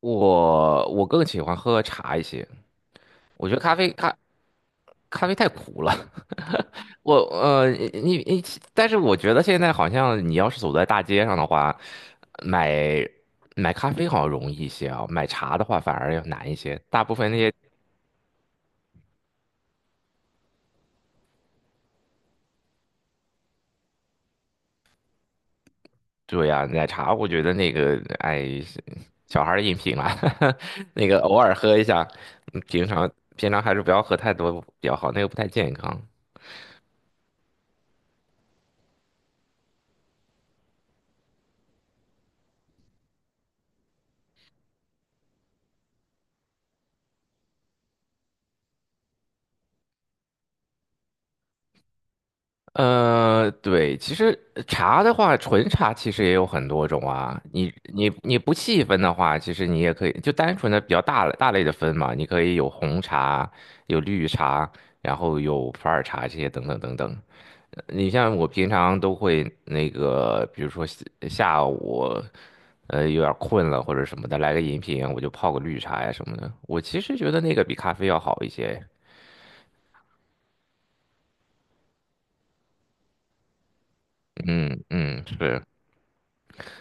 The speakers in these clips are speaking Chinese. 我更喜欢喝茶一些。我觉得咖啡太苦了。我呃，你你，但是我觉得现在好像你要是走在大街上的话，买买咖啡好像容易一些啊，买茶的话反而要难一些。大部分那些对呀、奶茶我觉得那个哎，小孩儿的饮品啊，那个偶尔喝一下。平常还是不要喝太多比较好，那个不太健康。对，其实茶的话，纯茶其实也有很多种啊。你不细分的话，其实你也可以就单纯的比较大类的分嘛。你可以有红茶，有绿茶，然后有普洱茶这些等等等等。你像我平常都会那个，比如说下午，有点困了或者什么的，来个饮品，我就泡个绿茶呀什么的。我其实觉得那个比咖啡要好一些。嗯嗯，是。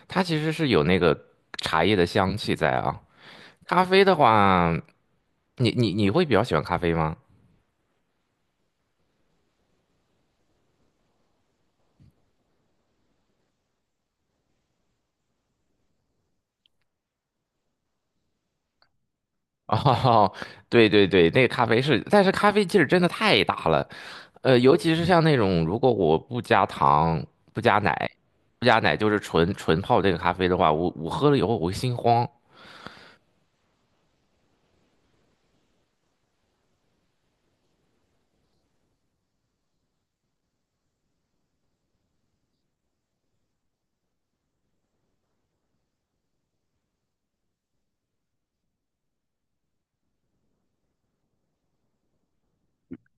它其实是有那个茶叶的香气在啊。咖啡的话，你会比较喜欢咖啡吗？哦，对对对，那个咖啡是，但是咖啡劲儿真的太大了。尤其是像那种如果我不加糖、不加奶、不加奶，就是纯纯泡这个咖啡的话，我喝了以后我会心慌。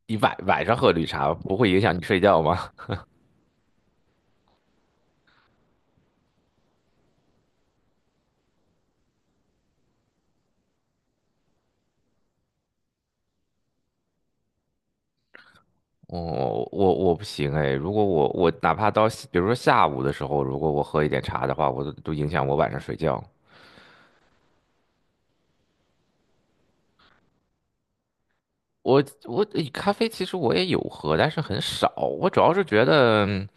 你晚上喝绿茶不会影响你睡觉吗？我不行哎，如果我哪怕到比如说下午的时候，如果我喝一点茶的话，我都影响我晚上睡觉。我我诶咖啡其实我也有喝，但是很少。我主要是觉得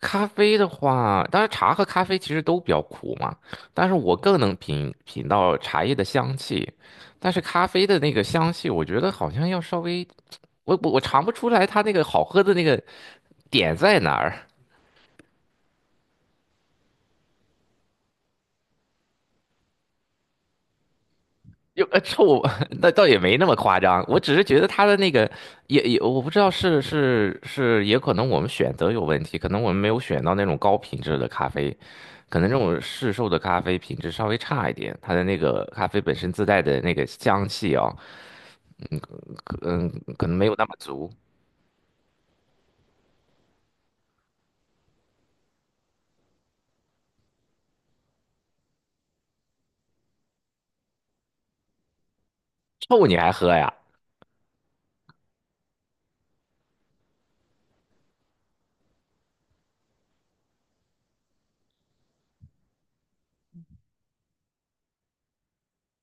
咖啡的话，当然茶和咖啡其实都比较苦嘛，但是我更能品到茶叶的香气，但是咖啡的那个香气，我觉得好像要稍微，我尝不出来它那个好喝的那个点在哪儿。臭，那倒也没那么夸张。我只是觉得他的那个也，我不知道是，也可能我们选择有问题，可能我们没有选到那种高品质的咖啡，可能这种市售的咖啡品质稍微差一点，它的那个咖啡本身自带的那个香气啊、嗯可嗯可能没有那么足。臭你还喝呀？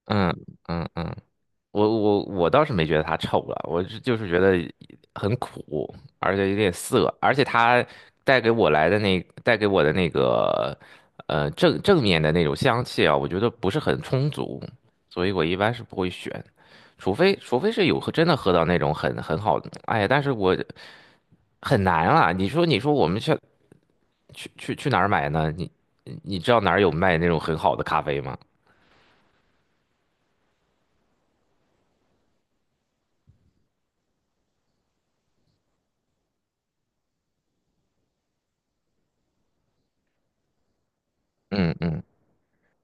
嗯嗯嗯，我倒是没觉得它臭了，我是就是觉得很苦，而且有点涩，而且它带给我的那个正面的那种香气啊，我觉得不是很充足，所以我一般是不会选，除非是有喝真的喝到那种很很好的，哎呀，但是我很难啊，你说我们去去哪儿买呢？你你知道哪儿有卖那种很好的咖啡吗？嗯嗯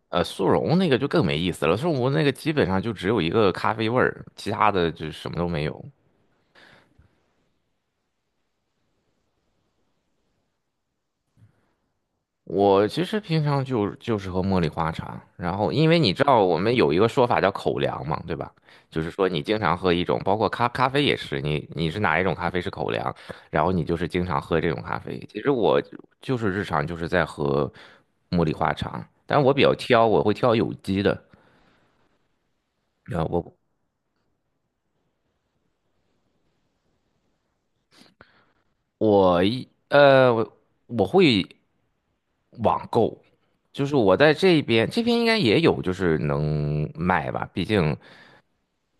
速溶那个就更没意思了。速溶那个基本上就只有一个咖啡味儿，其他的就什么都没有。我其实平常就是喝茉莉花茶，然后因为你知道我们有一个说法叫口粮嘛，对吧？就是说你经常喝一种，包括咖啡也是，你你是哪一种咖啡是口粮，然后你就是经常喝这种咖啡。其实我就是日常就是在喝茉莉花茶，但我比较挑，我会挑有机的。啊，我我一呃，我我会。网购，就是我在这边，这边应该也有，就是能卖吧，毕竟，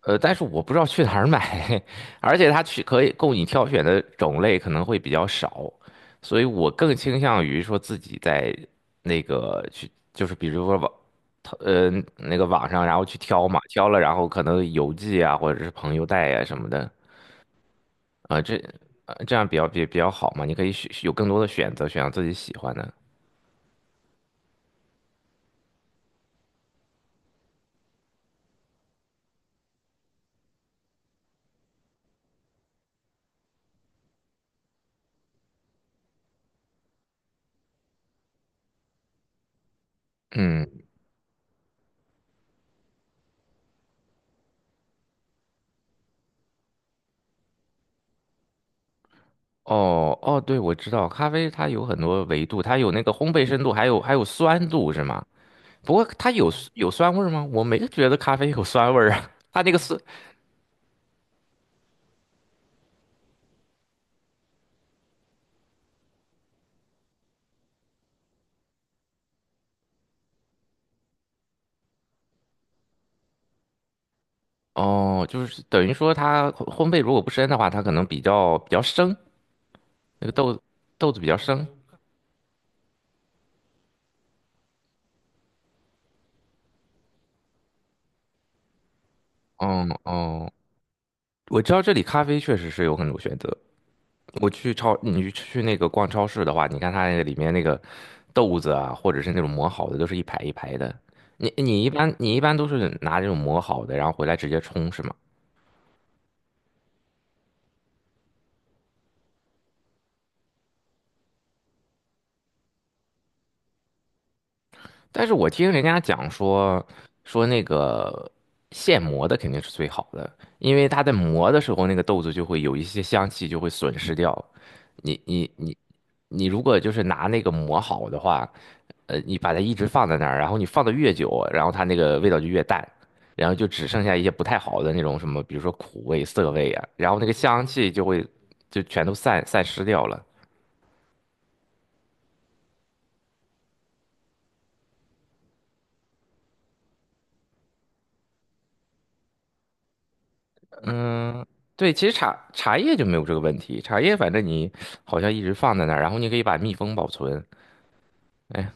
但是我不知道去哪儿买，而且它去可以供你挑选的种类可能会比较少，所以我更倾向于说自己在那个去，就是比如说呃，那个网上，然后去挑嘛，挑了然后可能邮寄啊，或者是朋友带呀什么的，啊、这这样比较比较好嘛，你可以选有更多的选择，选择自己喜欢的。嗯。哦哦，对，我知道，咖啡它有很多维度，它有那个烘焙深度，还有酸度，是吗？不过它有酸味儿吗？我没觉得咖啡有酸味儿啊。它那个酸，哦，就是等于说它烘焙如果不深的话，它可能比较生，那个豆子比较生。嗯哦，我知道这里咖啡确实是有很多选择。我去超，你去那个逛超市的话，你看它那个里面那个豆子啊，或者是那种磨好的，都是一排一排的。你一般都是拿这种磨好的，然后回来直接冲是吗？但是我听人家讲说那个现磨的肯定是最好的，因为它在磨的时候，那个豆子就会有一些香气就会损失掉。你你如果就是拿那个磨好的话，你把它一直放在那儿，然后你放的越久，然后它那个味道就越淡，然后就只剩下一些不太好的那种什么，比如说苦味、涩味啊，然后那个香气就会就全都散失掉了。对，其实茶叶就没有这个问题，茶叶反正你好像一直放在那儿，然后你可以把密封保存。哎，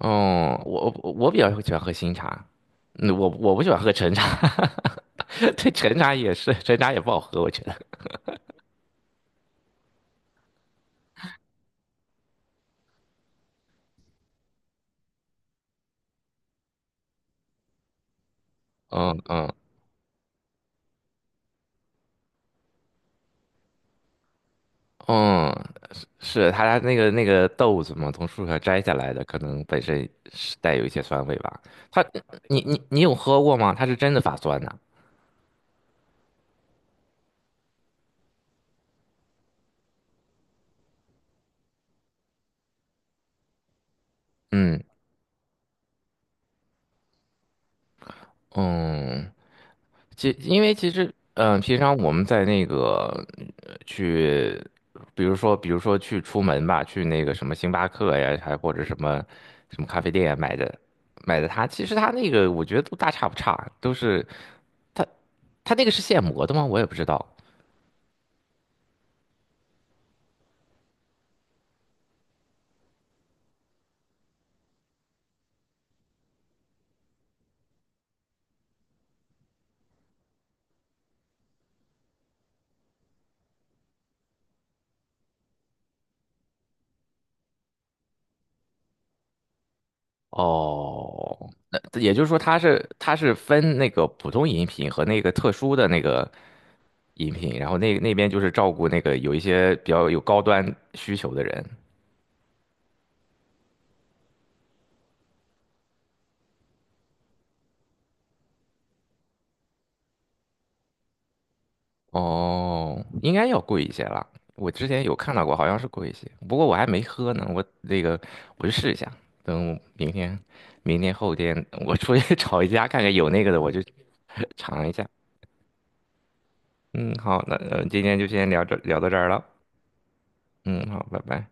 哦，我比较喜欢喝新茶，嗯，我不喜欢喝陈茶。对，陈茶也是，陈茶也不好喝，我觉得。嗯嗯嗯，是他家那个豆子嘛，从树上摘下来的，可能本身是带有一些酸味吧。它，你有喝过吗？它是真的发酸呐、嗯嗯，其因为其实平常我们在那个呃去，比如说去出门吧，去那个什么星巴克呀，还或者什么什么咖啡店呀买的它，其实它那个我觉得都大差不差，都是它它那个是现磨的吗？我也不知道。哦，那也就是说，它是分那个普通饮品和那个特殊的那个饮品，然后那边就是照顾那个有一些比较有高端需求的人。哦，应该要贵一些了。我之前有看到过，好像是贵一些，不过我还没喝呢。我那个我去试一下，等明天、明天后天我出去 找一家看看有那个的，我就 尝一下。嗯，好，那今天就先聊这聊到这儿了。嗯，好，拜拜。